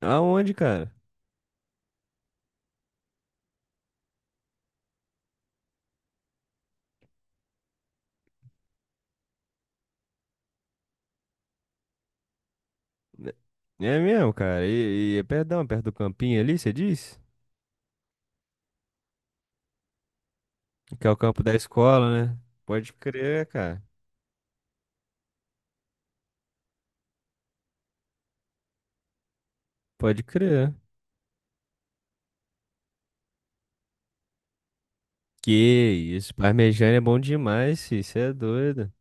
Aonde, cara? É é mesmo, cara. E, é perdão, perto do campinho ali, você diz? Que é o campo da escola, né? Pode crer, cara. Pode crer. Que isso, parmegiana é bom demais, fi. Você é doido.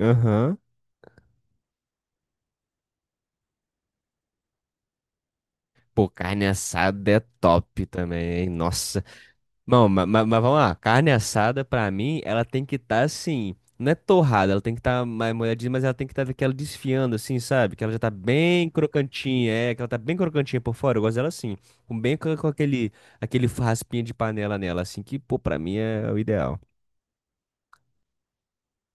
Aham. Pô, carne assada é top também, hein? Nossa. Não, mas, vamos lá. Carne assada, pra mim, ela tem que estar assim. Não é torrada, ela tem que estar mais molhadinha, mas ela tem que estar aquela desfiando, assim, sabe? Que ela já tá bem crocantinha, é, que ela tá bem crocantinha por fora. Eu gosto dela assim, com aquele raspinha de panela nela, assim, que, pô, pra mim é o ideal.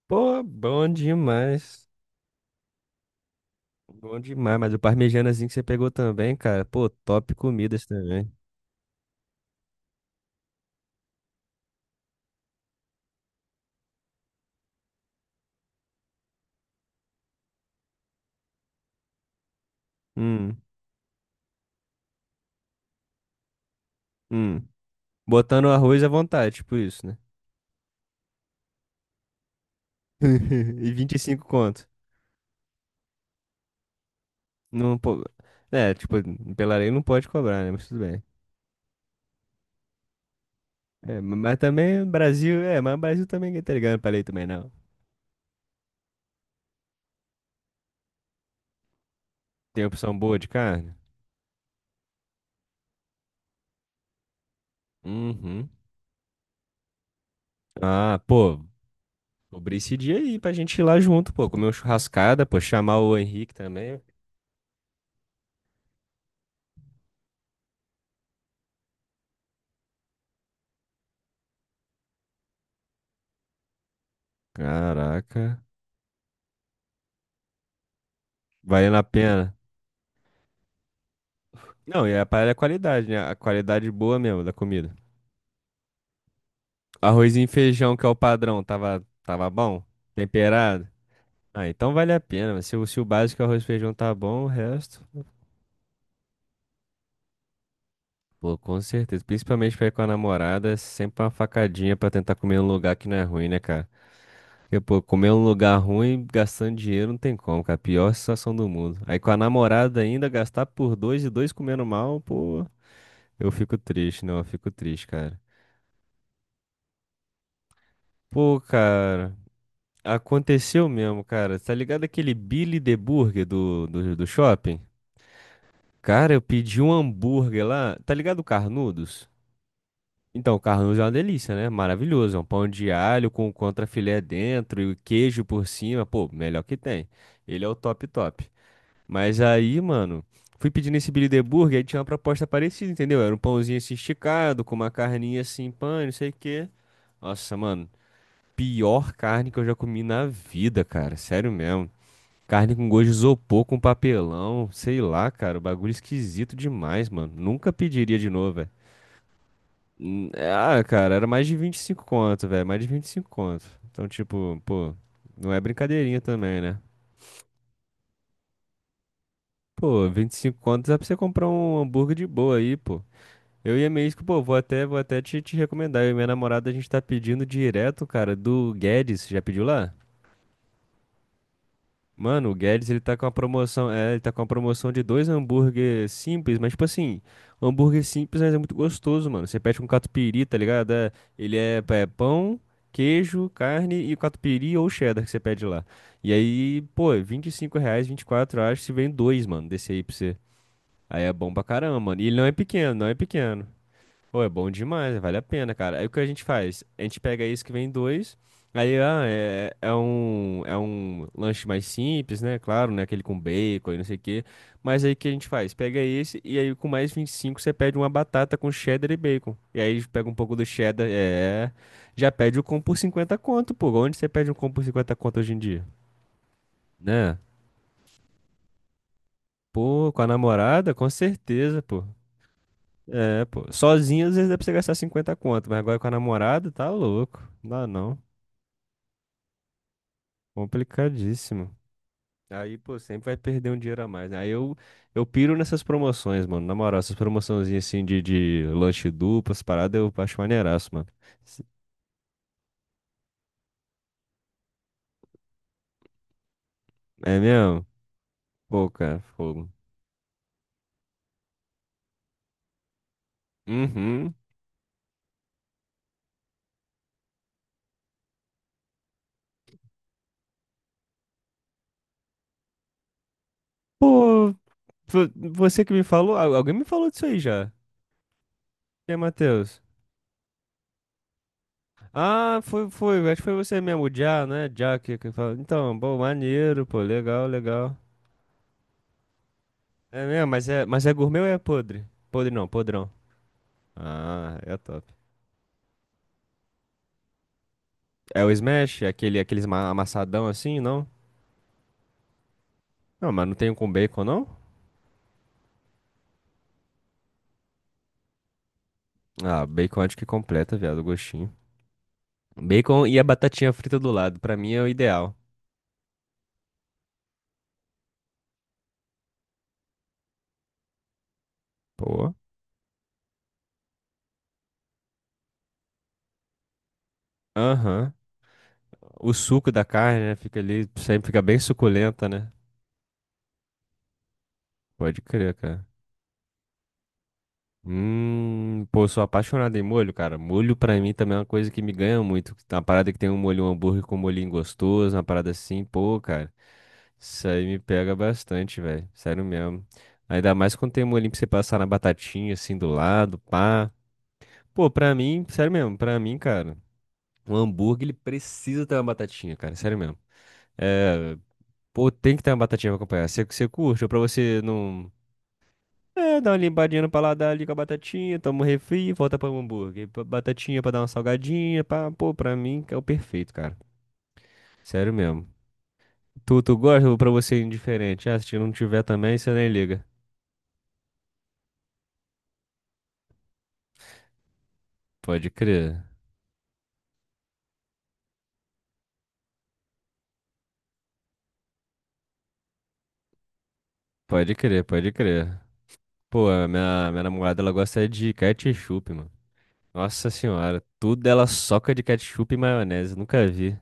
Pô, bom demais. Bom demais, mas o parmejanazinho que você pegou também, cara, pô, top comidas também. Hum, hum. Botando arroz à vontade, tipo isso, né? E 25 conto. Não, é, tipo, pela lei não pode cobrar, né? Mas tudo bem. É, mas também o Brasil também ninguém tá ligando pra lei também, não. Tem opção boa de carne? Uhum. Ah, pô, cobrir esse dia aí pra gente ir lá junto, pô, comer uma churrascada, pô, chamar o Henrique também. Caraca, valendo a pena. Não, e a parada é a qualidade, né? A qualidade boa mesmo da comida. Arroz e feijão, que é o padrão, tava bom? Temperado? Ah, então vale a pena. Se o básico é arroz e feijão tá bom, o resto. Pô, com certeza. Principalmente pra ir com a namorada, é sempre uma facadinha pra tentar comer um lugar que não é ruim, né, cara? Porque, pô, comer um lugar ruim, gastando dinheiro, não tem como, cara. Pior situação do mundo. Aí com a namorada ainda, gastar por dois e dois comendo mal, pô, eu fico triste, não, eu fico triste, cara. Pô, cara, aconteceu mesmo, cara. Tá ligado aquele Billy the Burger do shopping? Cara, eu pedi um hambúrguer lá, tá ligado o Carnudos? Então, o Carlos é uma delícia, né? Maravilhoso. É um pão de alho com contrafilé dentro e o queijo por cima. Pô, melhor que tem. Ele é o top top. Mas aí, mano, fui pedindo esse Billy the Burger, aí tinha uma proposta parecida, entendeu? Era um pãozinho assim esticado, com uma carninha assim, não sei o quê. Nossa, mano, pior carne que eu já comi na vida, cara. Sério mesmo. Carne com gosto de isopor, com papelão, sei lá, cara. O bagulho esquisito demais, mano. Nunca pediria de novo, velho. Ah, cara, era mais de 25 conto, velho. Mais de 25 conto. Então, tipo, pô, não é brincadeirinha também, né? Pô, 25 contos dá pra você comprar um hambúrguer de boa aí, pô. Eu e a minha ex, que, pô, vou até te recomendar. Eu e minha namorada, a gente tá pedindo direto, cara, do Guedes. Já pediu lá? Mano, o Guedes, ele tá com uma promoção de dois hambúrguer simples, mas tipo assim, o hambúrguer simples, mas é muito gostoso, mano. Você pede com catupiry, tá ligado? É, ele é pão, queijo, carne e catupiry ou cheddar que você pede lá. E aí, pô, é 25 reais, 24, eu acho, se vem dois, mano, desse aí pra você. Aí é bom pra caramba, mano. E ele não é pequeno, não é pequeno. Pô, é bom demais, vale a pena, cara. Aí o que a gente faz? A gente pega isso que vem dois, aí ah, é um lanche mais simples, né? Claro, né? Aquele com bacon e não sei o quê. Mas aí o que a gente faz? Pega esse e aí com mais 25 você pede uma batata com cheddar e bacon. E aí pega um pouco do cheddar, é. Já pede o combo por 50 conto, pô. Onde você pede um combo por 50 conto hoje em dia? Né? Pô, com a namorada, com certeza, pô. É, pô. Sozinho, às vezes dá pra você gastar 50 conto, mas agora com a namorada, tá louco. Não dá não. Complicadíssimo. Aí, pô, sempre vai perder um dinheiro a mais. Né? Aí eu piro nessas promoções, mano. Na moral, essas promoçãozinhas assim de lanche duplo, essas paradas, eu acho maneiraço, mano. Se- É mesmo? Pô, cara, fogo. Uhum. Pô, você que me falou, alguém me falou disso aí já. E aí, Matheus? Ah, foi, acho que foi você mesmo, o Já, né? Já que fala. Então, bom, maneiro, pô, legal, legal. É mesmo, mas é gourmet ou é podre? Podre não, podrão. Ah, é top. É o smash, é aqueles amassadão assim, não? Não, mas não tem um com bacon, não? Ah, bacon acho que completa, viado, o gostinho. Bacon e a batatinha frita do lado, pra mim é o ideal. Pô. Aham. O suco da carne, né, fica ali, sempre fica bem suculenta, né? Pode crer, cara. Pô, sou apaixonado em molho, cara. Molho pra mim também é uma coisa que me ganha muito. Uma parada que tem um molho, um hambúrguer com um molhinho gostoso, uma parada assim, pô, cara. Isso aí me pega bastante, velho. Sério mesmo. Ainda mais quando tem um molhinho pra você passar na batatinha, assim, do lado, pá. Pô, pra mim, sério mesmo, pra mim, cara, um hambúrguer, ele precisa ter uma batatinha, cara, sério mesmo. É, pô, tem que ter uma batatinha pra acompanhar. Você curte, ou pra você não... É, dá uma limpadinha no paladar ali com a batatinha, toma um refri e volta pra um hambúrguer. Batatinha pra dar uma salgadinha, pá. Pô, pra mim, é o perfeito, cara. Sério mesmo. Tu gosta ou pra você é indiferente? Ah, se não tiver também, você nem liga. Pode crer. Pode crer, pode crer. Pô, a minha namorada, ela gosta é de ketchup, mano. Nossa senhora, tudo ela soca de ketchup e maionese, nunca vi.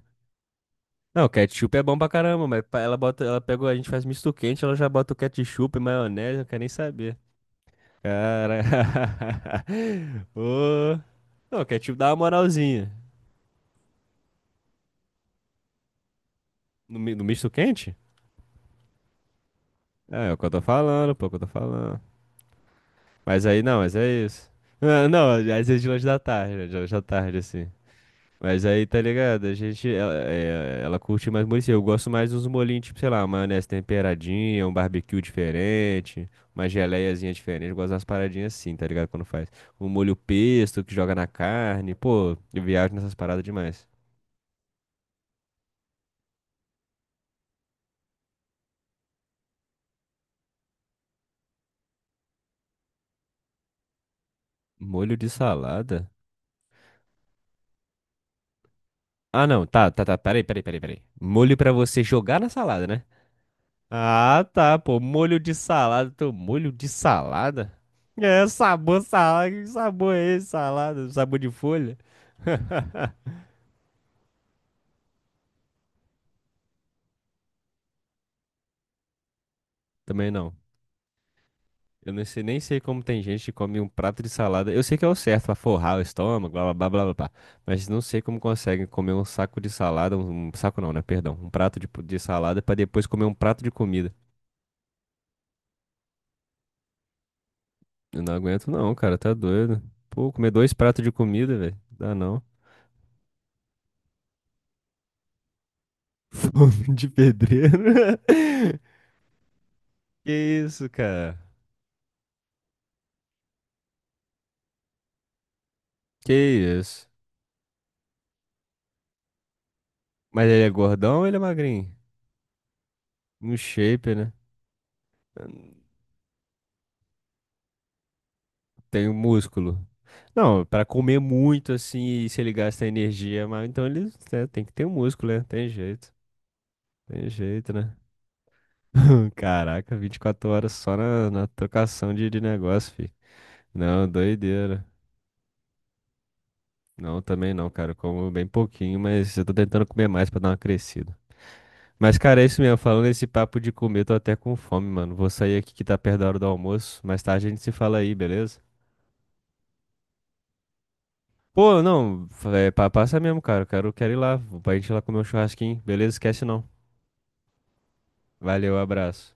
Não, ketchup é bom pra caramba, mas ela bota, ela pega, a gente faz misto quente, ela já bota o ketchup e maionese, eu não quero nem saber. Cara. Ô. Não, ketchup dá uma moralzinha. No misto quente? É o que eu tô falando, pô, é o que eu tô falando. Mas aí não, mas é isso. Ah, não, às vezes de lanche da tarde, né? De lanche da tarde, assim. Mas aí, tá ligado? A gente, ela, é, ela curte mais molho, assim. Eu gosto mais dos molhinhos, tipo, sei lá, uma maionese temperadinha, um barbecue diferente, uma geleiazinha diferente. Eu gosto das paradinhas assim, tá ligado? Quando faz. Um molho pesto que joga na carne. Pô, eu viajo nessas paradas demais. Molho de salada? Ah, não, tá, tá, tá. Peraí, peraí, peraí, peraí. Molho pra você jogar na salada, né? Ah, tá, pô. Molho de salada. Teu molho de salada? É, sabor salada. Que sabor é esse, salada? Sabor de folha? Também não. Eu nem sei como tem gente que come um prato de salada. Eu sei que é o certo pra forrar o estômago, blá blá blá blá blá. Blá. Mas não sei como conseguem comer um saco de salada. Um saco não, né? Perdão. Um prato de salada pra depois comer um prato de comida. Eu não aguento, não, cara. Tá doido. Pô, comer dois pratos de comida, velho. Dá não. Fome de pedreiro. Que isso, cara? Que isso? Mas ele é gordão ou ele é magrinho? No shape, né? Tem o músculo. Não, pra comer muito assim, e se ele gasta energia, mas então ele né, tem que ter o músculo, né? Tem jeito. Tem jeito, né? Caraca, 24 horas só na trocação de negócio, fi. Não, doideira. Não, também não, cara. Eu como bem pouquinho, mas eu tô tentando comer mais pra dar uma crescida. Mas, cara, é isso mesmo. Falando esse papo de comer, tô até com fome, mano. Vou sair aqui que tá perto da hora do almoço. Mais tarde a gente se fala aí, beleza? Pô, não, passa mesmo, cara. Eu quero ir lá. Pra gente ir lá comer um churrasquinho, beleza? Esquece não. Valeu, abraço.